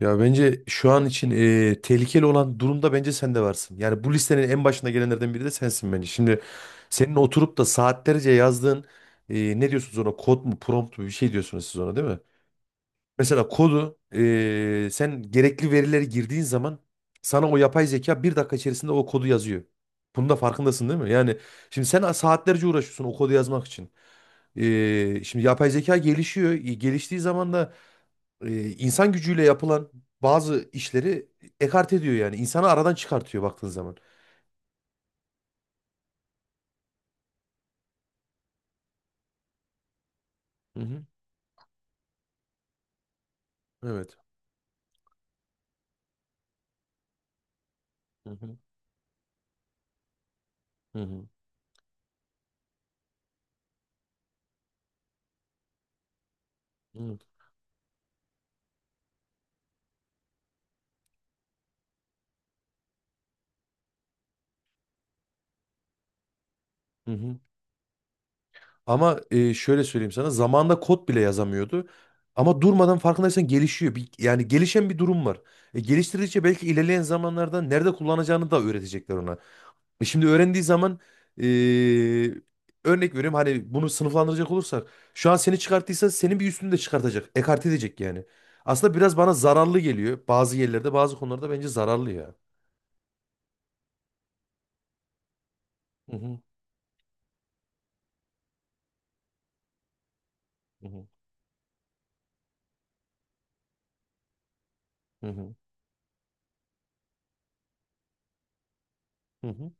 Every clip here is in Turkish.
Ya bence şu an için tehlikeli olan durumda bence sen de varsın. Yani bu listenin en başına gelenlerden biri de sensin bence. Şimdi senin oturup da saatlerce yazdığın ne diyorsunuz ona, kod mu prompt mu, bir şey diyorsunuz siz ona değil mi? Mesela kodu sen gerekli verileri girdiğin zaman sana o yapay zeka 1 dakika içerisinde o kodu yazıyor. Bunun da farkındasın değil mi? Yani şimdi sen saatlerce uğraşıyorsun o kodu yazmak için. Şimdi yapay zeka gelişiyor. Geliştiği zaman da insan gücüyle yapılan bazı işleri ekarte ediyor yani. İnsanı aradan çıkartıyor baktığın zaman. Hı hı. Evet. Hı hı. Hı hı. Evet. Hı hı. Ama şöyle söyleyeyim sana, zamanda kod bile yazamıyordu. Ama durmadan farkındaysan gelişiyor. Yani gelişen bir durum var. Geliştirdikçe belki ilerleyen zamanlarda nerede kullanacağını da öğretecekler ona. Şimdi öğrendiği zaman e, örnek veriyorum, hani bunu sınıflandıracak olursak, şu an seni çıkarttıysa senin bir üstünü de çıkartacak. Ekart edecek yani. Aslında biraz bana zararlı geliyor. Bazı yerlerde bazı konularda bence zararlı ya. Hı hı hı hı hı hı. Hı hı.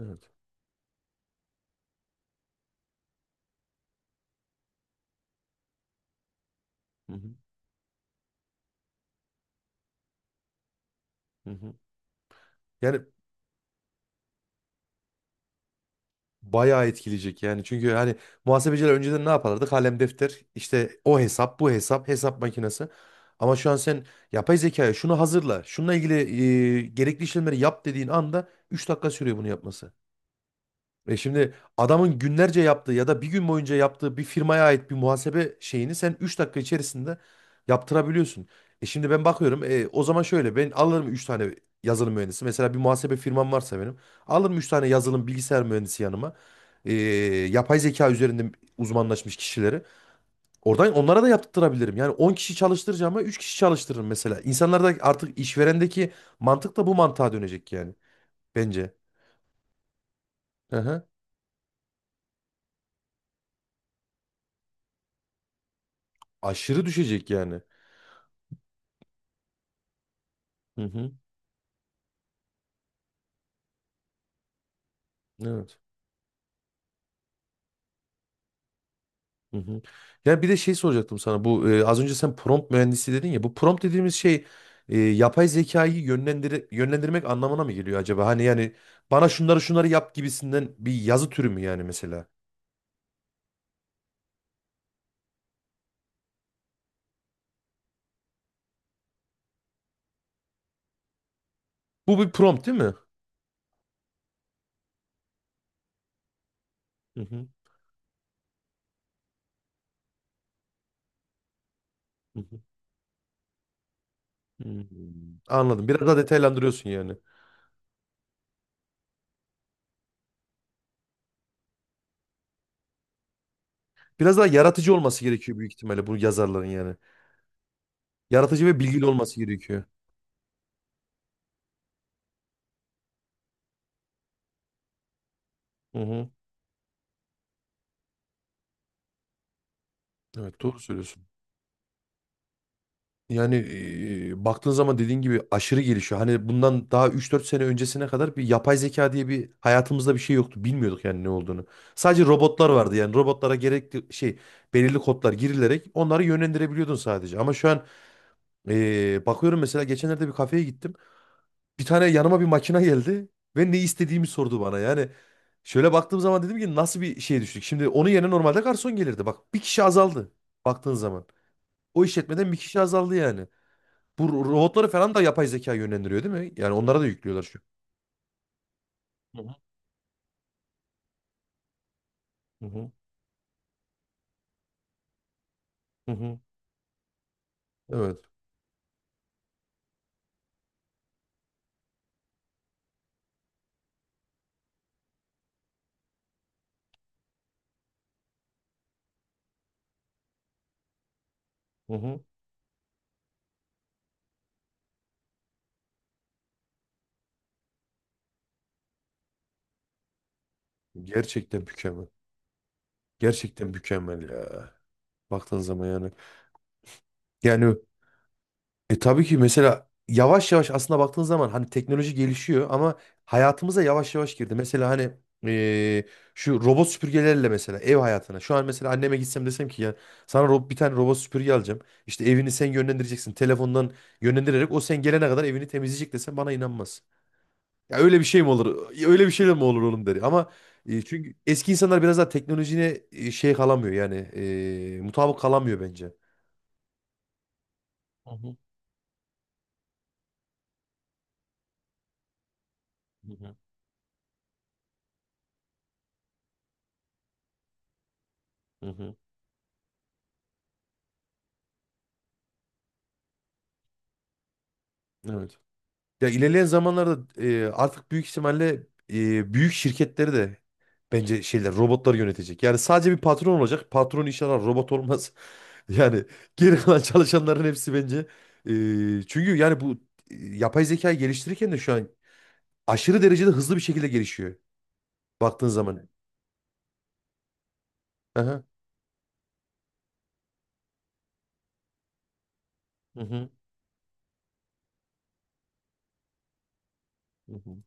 Evet. Hı hı hı hı. Yani bayağı etkileyecek yani. Çünkü hani muhasebeciler önceden ne yaparlardı? Kalem, defter, işte o hesap, bu hesap, hesap makinesi. Ama şu an sen yapay zekaya şunu hazırla, şununla ilgili gerekli işlemleri yap dediğin anda 3 dakika sürüyor bunu yapması. Şimdi adamın günlerce yaptığı ya da bir gün boyunca yaptığı bir firmaya ait bir muhasebe şeyini sen 3 dakika içerisinde yaptırabiliyorsun. Şimdi ben bakıyorum, o zaman şöyle, ben alırım 3 tane yazılım mühendisi. Mesela bir muhasebe firmam varsa benim, alırım 3 tane yazılım bilgisayar mühendisi yanıma. E, Yapay zeka üzerinde uzmanlaşmış kişileri. Oradan onlara da yaptırabilirim. Yani 10 kişi çalıştıracağıma 3 kişi çalıştırırım mesela. İnsanlarda artık işverendeki mantık da bu mantığa dönecek yani bence. Hı hı. Aşırı düşecek yani. Hı hı. Evet. Hı hı. Ya bir de şey soracaktım sana. Bu az önce sen prompt mühendisi dedin ya. Bu prompt dediğimiz şey yapay zekayı yönlendirmek anlamına mı geliyor acaba? Hani yani bana şunları şunları yap gibisinden bir yazı türü mü yani mesela? Bu bir prompt değil mi? Hı hı. Hı hı. Hmm. Anladım. Biraz daha detaylandırıyorsun yani. Biraz daha yaratıcı olması gerekiyor büyük ihtimalle bu yazarların yani. Yaratıcı ve bilgili olması gerekiyor. Hı hı. Evet, doğru söylüyorsun. Yani baktığın zaman dediğin gibi aşırı gelişiyor. Hani bundan daha 3-4 sene öncesine kadar bir yapay zeka diye bir hayatımızda bir şey yoktu. Bilmiyorduk yani ne olduğunu. Sadece robotlar vardı. Yani robotlara gerekli şey, belirli kodlar girilerek onları yönlendirebiliyordun sadece. Ama şu an bakıyorum, mesela geçenlerde bir kafeye gittim. Bir tane yanıma bir makine geldi ve ne istediğimi sordu bana. Yani şöyle baktığım zaman dedim ki nasıl bir şeye düştük. Şimdi onun yerine normalde garson gelirdi. Bak, bir kişi azaldı baktığın zaman. O işletmeden bir kişi azaldı yani. Bu robotları falan da yapay zeka yönlendiriyor değil mi? Yani onlara da yüklüyorlar şu. Hı hı hı hı hı hı. Evet. Hı hı. Gerçekten mükemmel. Gerçekten mükemmel ya. Baktığın zaman yani. Yani tabii ki mesela yavaş yavaş aslında baktığın zaman hani teknoloji gelişiyor ama hayatımıza yavaş yavaş girdi. Mesela hani e, şu robot süpürgelerle mesela ev hayatına. Şu an mesela anneme gitsem desem ki ya, sana bir tane robot süpürge alacağım. İşte evini sen yönlendireceksin. Telefondan yönlendirerek o sen gelene kadar evini temizleyecek desem bana inanmaz. Ya öyle bir şey mi olur? Öyle bir şey de mi olur oğlum der. Ama çünkü eski insanlar biraz daha teknolojiye şey kalamıyor yani, mutabık kalamıyor bence. Hı hı, hı hı, hı hı. Evet. Ya ilerleyen zamanlarda artık büyük ihtimalle büyük şirketleri de bence şeyler, robotlar yönetecek. Yani sadece bir patron olacak. Patron inşallah robot olmaz. Yani geri kalan çalışanların hepsi bence. Çünkü yani bu yapay zekayı geliştirirken de şu an aşırı derecede hızlı bir şekilde gelişiyor. Baktığın zaman. Aha. Hı hı. Hı hı.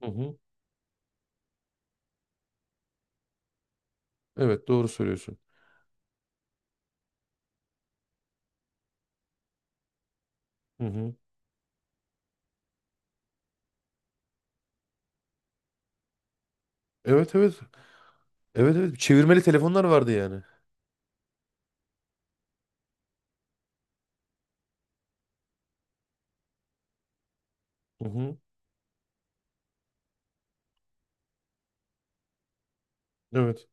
Hı hı. Evet, doğru söylüyorsun. Hı hı. Evet evet. Evet evet. Çevirmeli telefonlar vardı yani. Hı hı. Evet.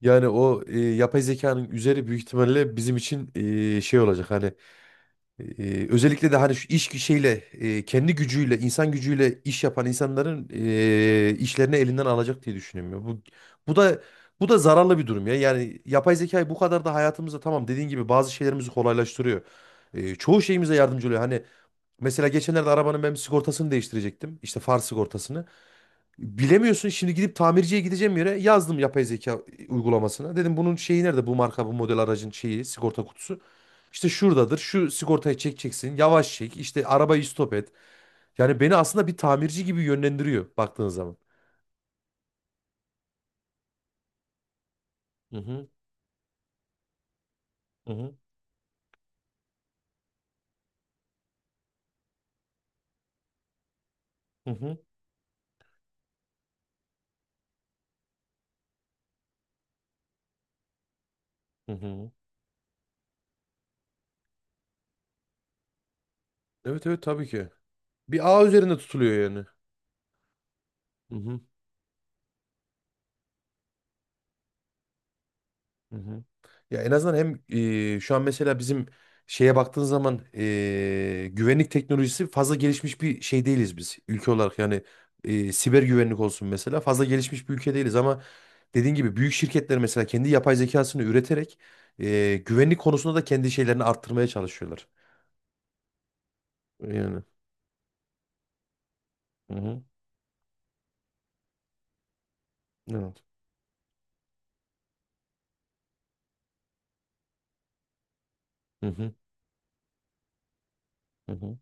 Yani o yapay zekanın üzeri büyük ihtimalle bizim için şey olacak hani, özellikle de hani şu iş şeyle kendi gücüyle insan gücüyle iş yapan insanların işlerini elinden alacak diye düşünüyorum ya. Bu da bu da zararlı bir durum ya. Yani yapay zekayı bu kadar da hayatımızda, tamam dediğin gibi, bazı şeylerimizi kolaylaştırıyor. Çoğu şeyimize yardımcı oluyor. Hani mesela geçenlerde arabanın ben sigortasını değiştirecektim. İşte far sigortasını. Bilemiyorsun şimdi, gidip tamirciye gideceğim yere yazdım yapay zeka uygulamasına. Dedim bunun şeyi nerede, bu marka bu model aracın şeyi, sigorta kutusu. İşte şuradadır, şu sigortayı çekeceksin, yavaş çek, işte arabayı stop et. Yani beni aslında bir tamirci gibi yönlendiriyor baktığın zaman. Hı hı, hı hı, hı hı, hı hı. Evet evet, tabii ki. Bir ağ üzerinde tutuluyor yani. Hı hı. Ya en azından hem şu an mesela bizim şeye baktığın zaman güvenlik teknolojisi fazla gelişmiş bir şey değiliz biz, ülke olarak yani. Siber güvenlik olsun, mesela fazla gelişmiş bir ülke değiliz ama dediğin gibi büyük şirketler mesela kendi yapay zekasını üreterek güvenlik konusunda da kendi şeylerini arttırmaya çalışıyorlar. Yani. Hı hı. Evet. Hı hı. Hı hı.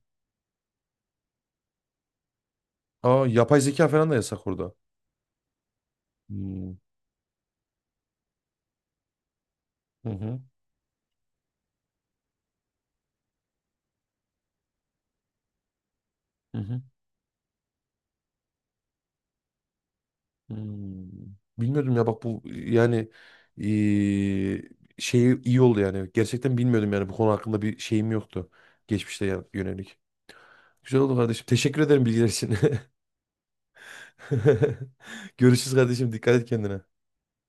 Aa, yapay zeka falan da yasak orada. Hmm. Hı hı. Hı hı. Hmm. Bilmiyordum ya, bak, bu yani eee, şeyi iyi oldu yani. Gerçekten bilmiyordum yani, bu konu hakkında bir şeyim yoktu. Geçmişte yönelik. Güzel oldu kardeşim. Teşekkür ederim bilgiler için. Görüşürüz kardeşim. Dikkat et kendine.